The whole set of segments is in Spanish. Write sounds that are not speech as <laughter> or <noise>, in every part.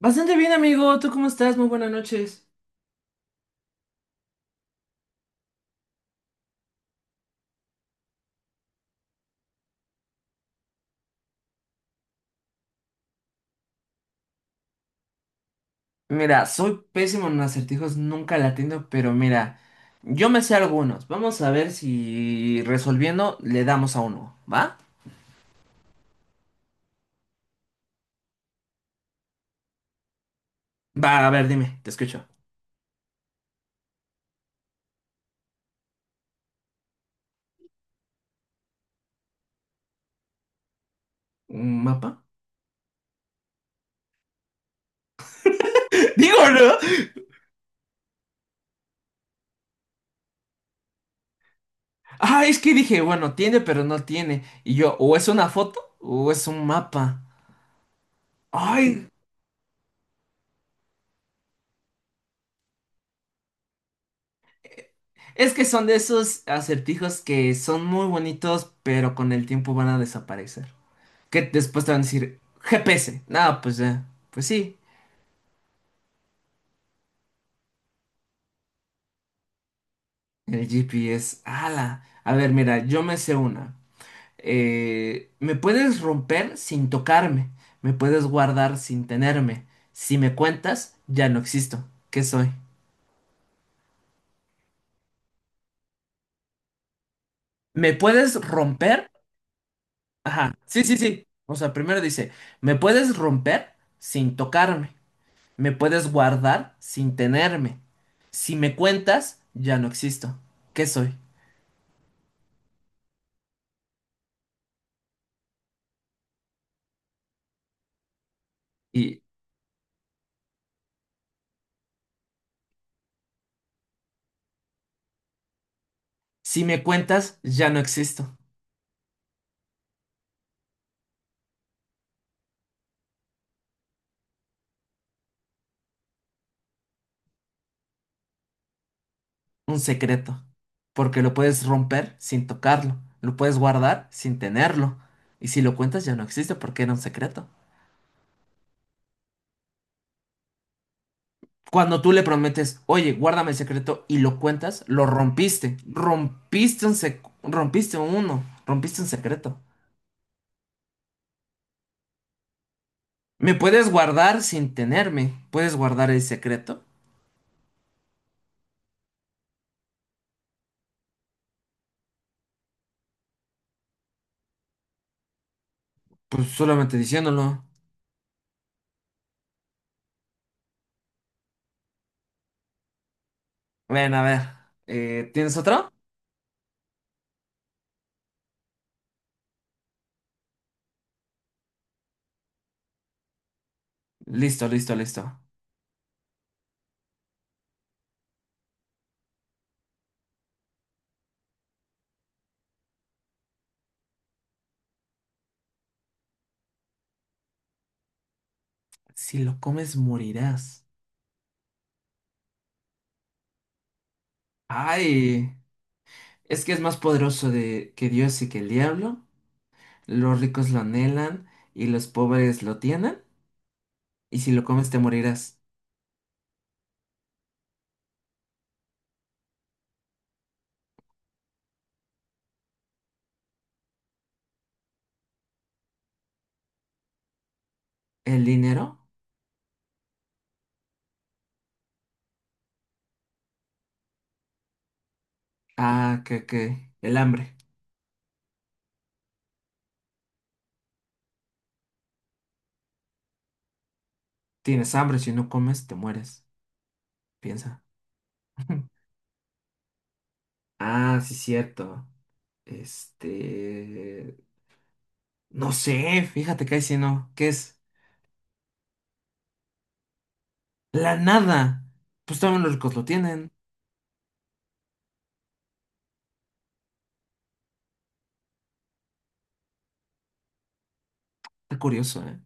Bastante bien, amigo. ¿Tú cómo estás? Muy buenas noches. Mira, soy pésimo en acertijos, nunca la atiendo, pero mira, yo me sé algunos. Vamos a ver si resolviendo le damos a uno, ¿va? Va, a ver, dime, te escucho. ¿Un mapa? <laughs> Digo, ¿no? Ah, es que dije, bueno, tiene, pero no tiene. Y yo, o es una foto o es un mapa. Ay, es que son de esos acertijos que son muy bonitos, pero con el tiempo van a desaparecer, que después te van a decir GPS. No, pues ya, pues sí, el GPS. ¡Hala! A ver, mira, yo me sé una. Me puedes romper sin tocarme, me puedes guardar sin tenerme. Si me cuentas, ya no existo. ¿Qué soy? ¿Me puedes romper? Ajá, sí, sí, sí. O sea, primero dice, me puedes romper sin tocarme, me puedes guardar sin tenerme. Si me cuentas, ya no existo. ¿Qué soy? Y si me cuentas, ya no existo. Un secreto. Porque lo puedes romper sin tocarlo. Lo puedes guardar sin tenerlo. Y si lo cuentas, ya no existe porque era un secreto. Cuando tú le prometes, oye, guárdame el secreto y lo cuentas, lo rompiste. Rompiste uno. Rompiste un secreto. Me puedes guardar sin tenerme. ¿Puedes guardar el secreto? Pues solamente diciéndolo. Ven, a ver. ¿Tienes otro? Listo, listo, listo. Si lo comes, morirás. Ay, es que es más poderoso de, que Dios y que el diablo. Los ricos lo anhelan y los pobres lo tienen. Y si lo comes te morirás. ¿El dinero? Ah, que, que. El hambre. Tienes hambre, si no comes te mueres. Piensa. <laughs> Ah, sí, cierto. Este... No sé, fíjate que ahí sí no. ¿Qué es? La nada. Pues también los ricos lo tienen. Está curioso, ¿eh?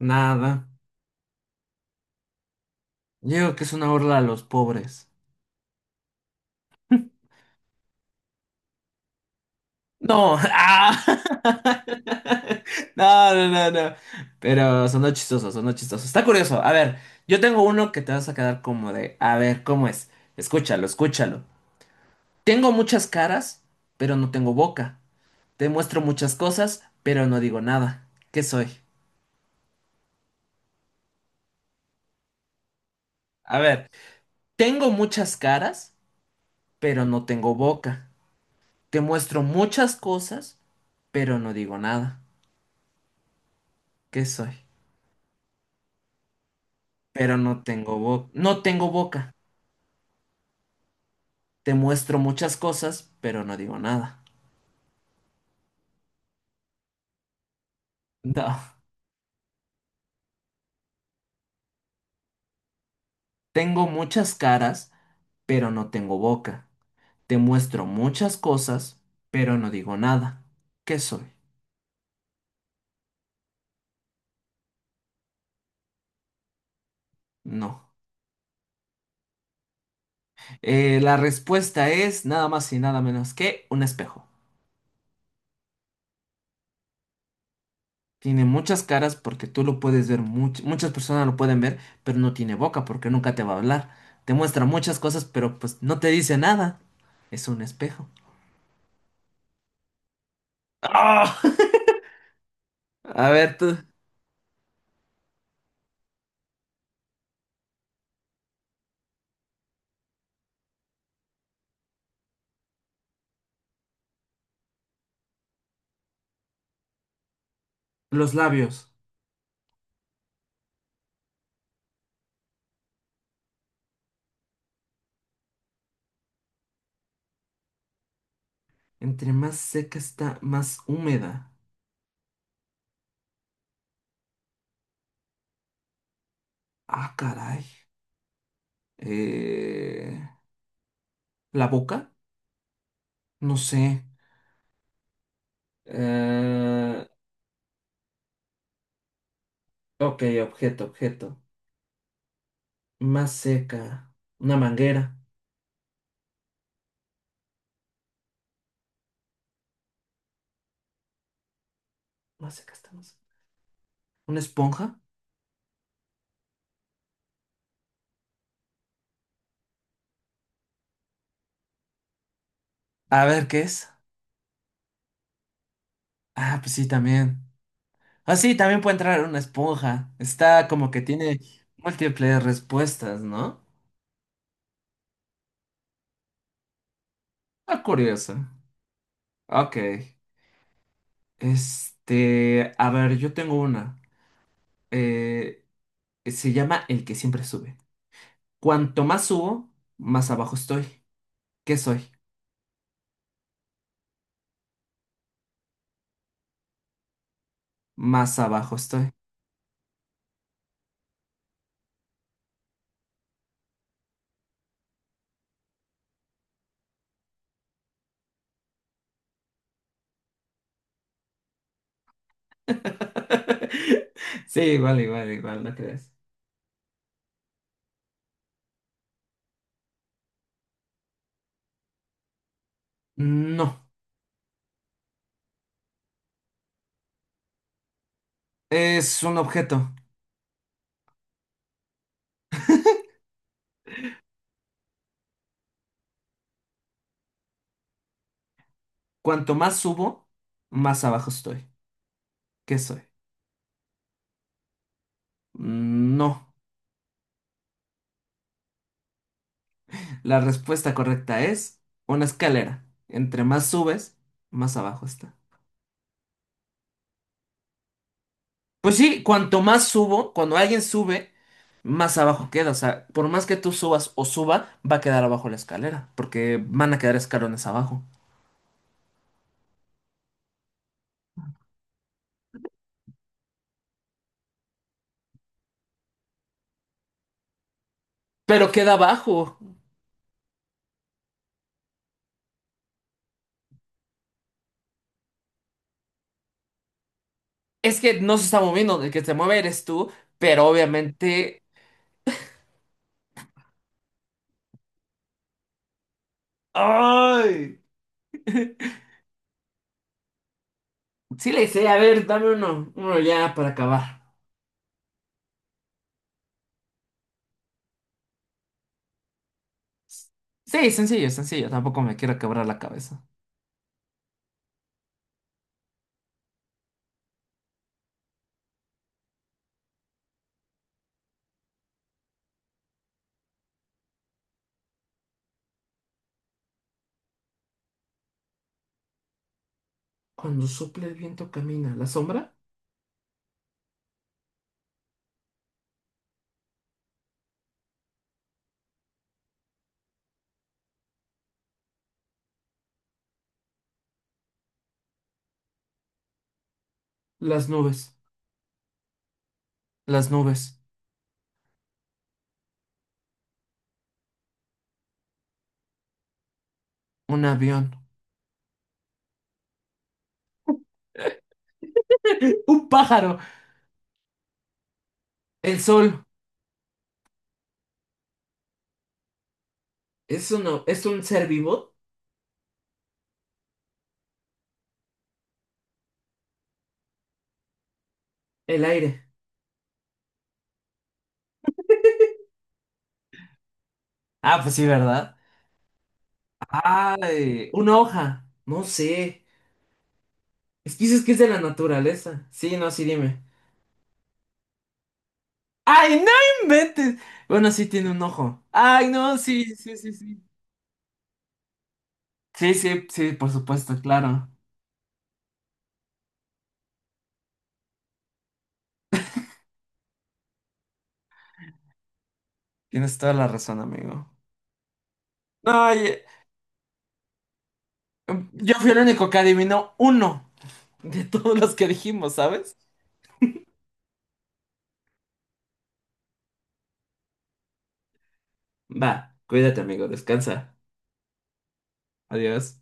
Nada. Yo digo que es una burla a los pobres. No, ah. <laughs> No, no, no, no. Pero son chistosos, son chistosos. Está curioso. A ver, yo tengo uno que te vas a quedar como de, a ver, ¿cómo es? Escúchalo, escúchalo. Tengo muchas caras, pero no tengo boca. Te muestro muchas cosas, pero no digo nada. ¿Qué soy? A ver, tengo muchas caras, pero no tengo boca. Te muestro muchas cosas, pero no digo nada. ¿Qué soy? Pero no tengo boca. No tengo boca. Te muestro muchas cosas, pero no digo nada. No. Tengo muchas caras, pero no tengo boca. Te muestro muchas cosas, pero no digo nada. ¿Qué soy? No. La respuesta es nada más y nada menos que un espejo. Tiene muchas caras porque tú lo puedes ver, muchas personas lo pueden ver, pero no tiene boca porque nunca te va a hablar. Te muestra muchas cosas, pero pues no te dice nada. Es un espejo. ¡Ah! <laughs> A ver, tú. Los labios. Entre más seca está, más húmeda. Ah, caray. Eh, ¿La boca? No sé. Eh, ok, objeto, objeto. Más seca. Una manguera. Más seca está, más. ¿Una esponja? A ver, ¿qué es? Ah, pues sí, también. Ah, sí, también puede entrar una esponja. Está como que tiene múltiples respuestas, ¿no? Ah, curioso. Ok. Este, a ver, yo tengo una. Eh, Se llama el que siempre sube. Cuanto más subo, más abajo estoy. ¿Qué soy? Más abajo estoy. <laughs> Sí, igual, igual, igual, ¿no crees? No, es un objeto. Cuanto más subo, más abajo estoy. ¿Qué soy? No. La respuesta correcta es una escalera. Entre más subes, más abajo está. Pues sí, cuanto más subo, cuando alguien sube, más abajo queda. O sea, por más que tú subas o suba, va a quedar abajo la escalera, porque van a quedar escalones abajo. Pero queda abajo. Es que no se está moviendo, el que se mueve eres tú, pero obviamente... ¡Ay! <laughs> Sí le hice, a ver, dame uno, uno ya para acabar. Sí, sencillo, sencillo, tampoco me quiero quebrar la cabeza. Cuando sopla el viento camina, ¿la sombra? Las nubes, las nubes, un avión, <laughs> un pájaro. El sol es uno, es un ser vivo. El aire. Ah, pues sí, ¿verdad? Ay, una hoja. No sé. Es que dices que es de la naturaleza. Sí, no, sí, dime. ¡Ay, no inventes! Bueno, sí tiene un ojo. ¡Ay, no! Sí, sí, sí, sí. Sí, sí, sí, por supuesto, claro. Tienes toda la razón, amigo. Ay, yo fui el único que adivinó uno de todos los que dijimos, ¿sabes? Va, cuídate, amigo, descansa. Adiós.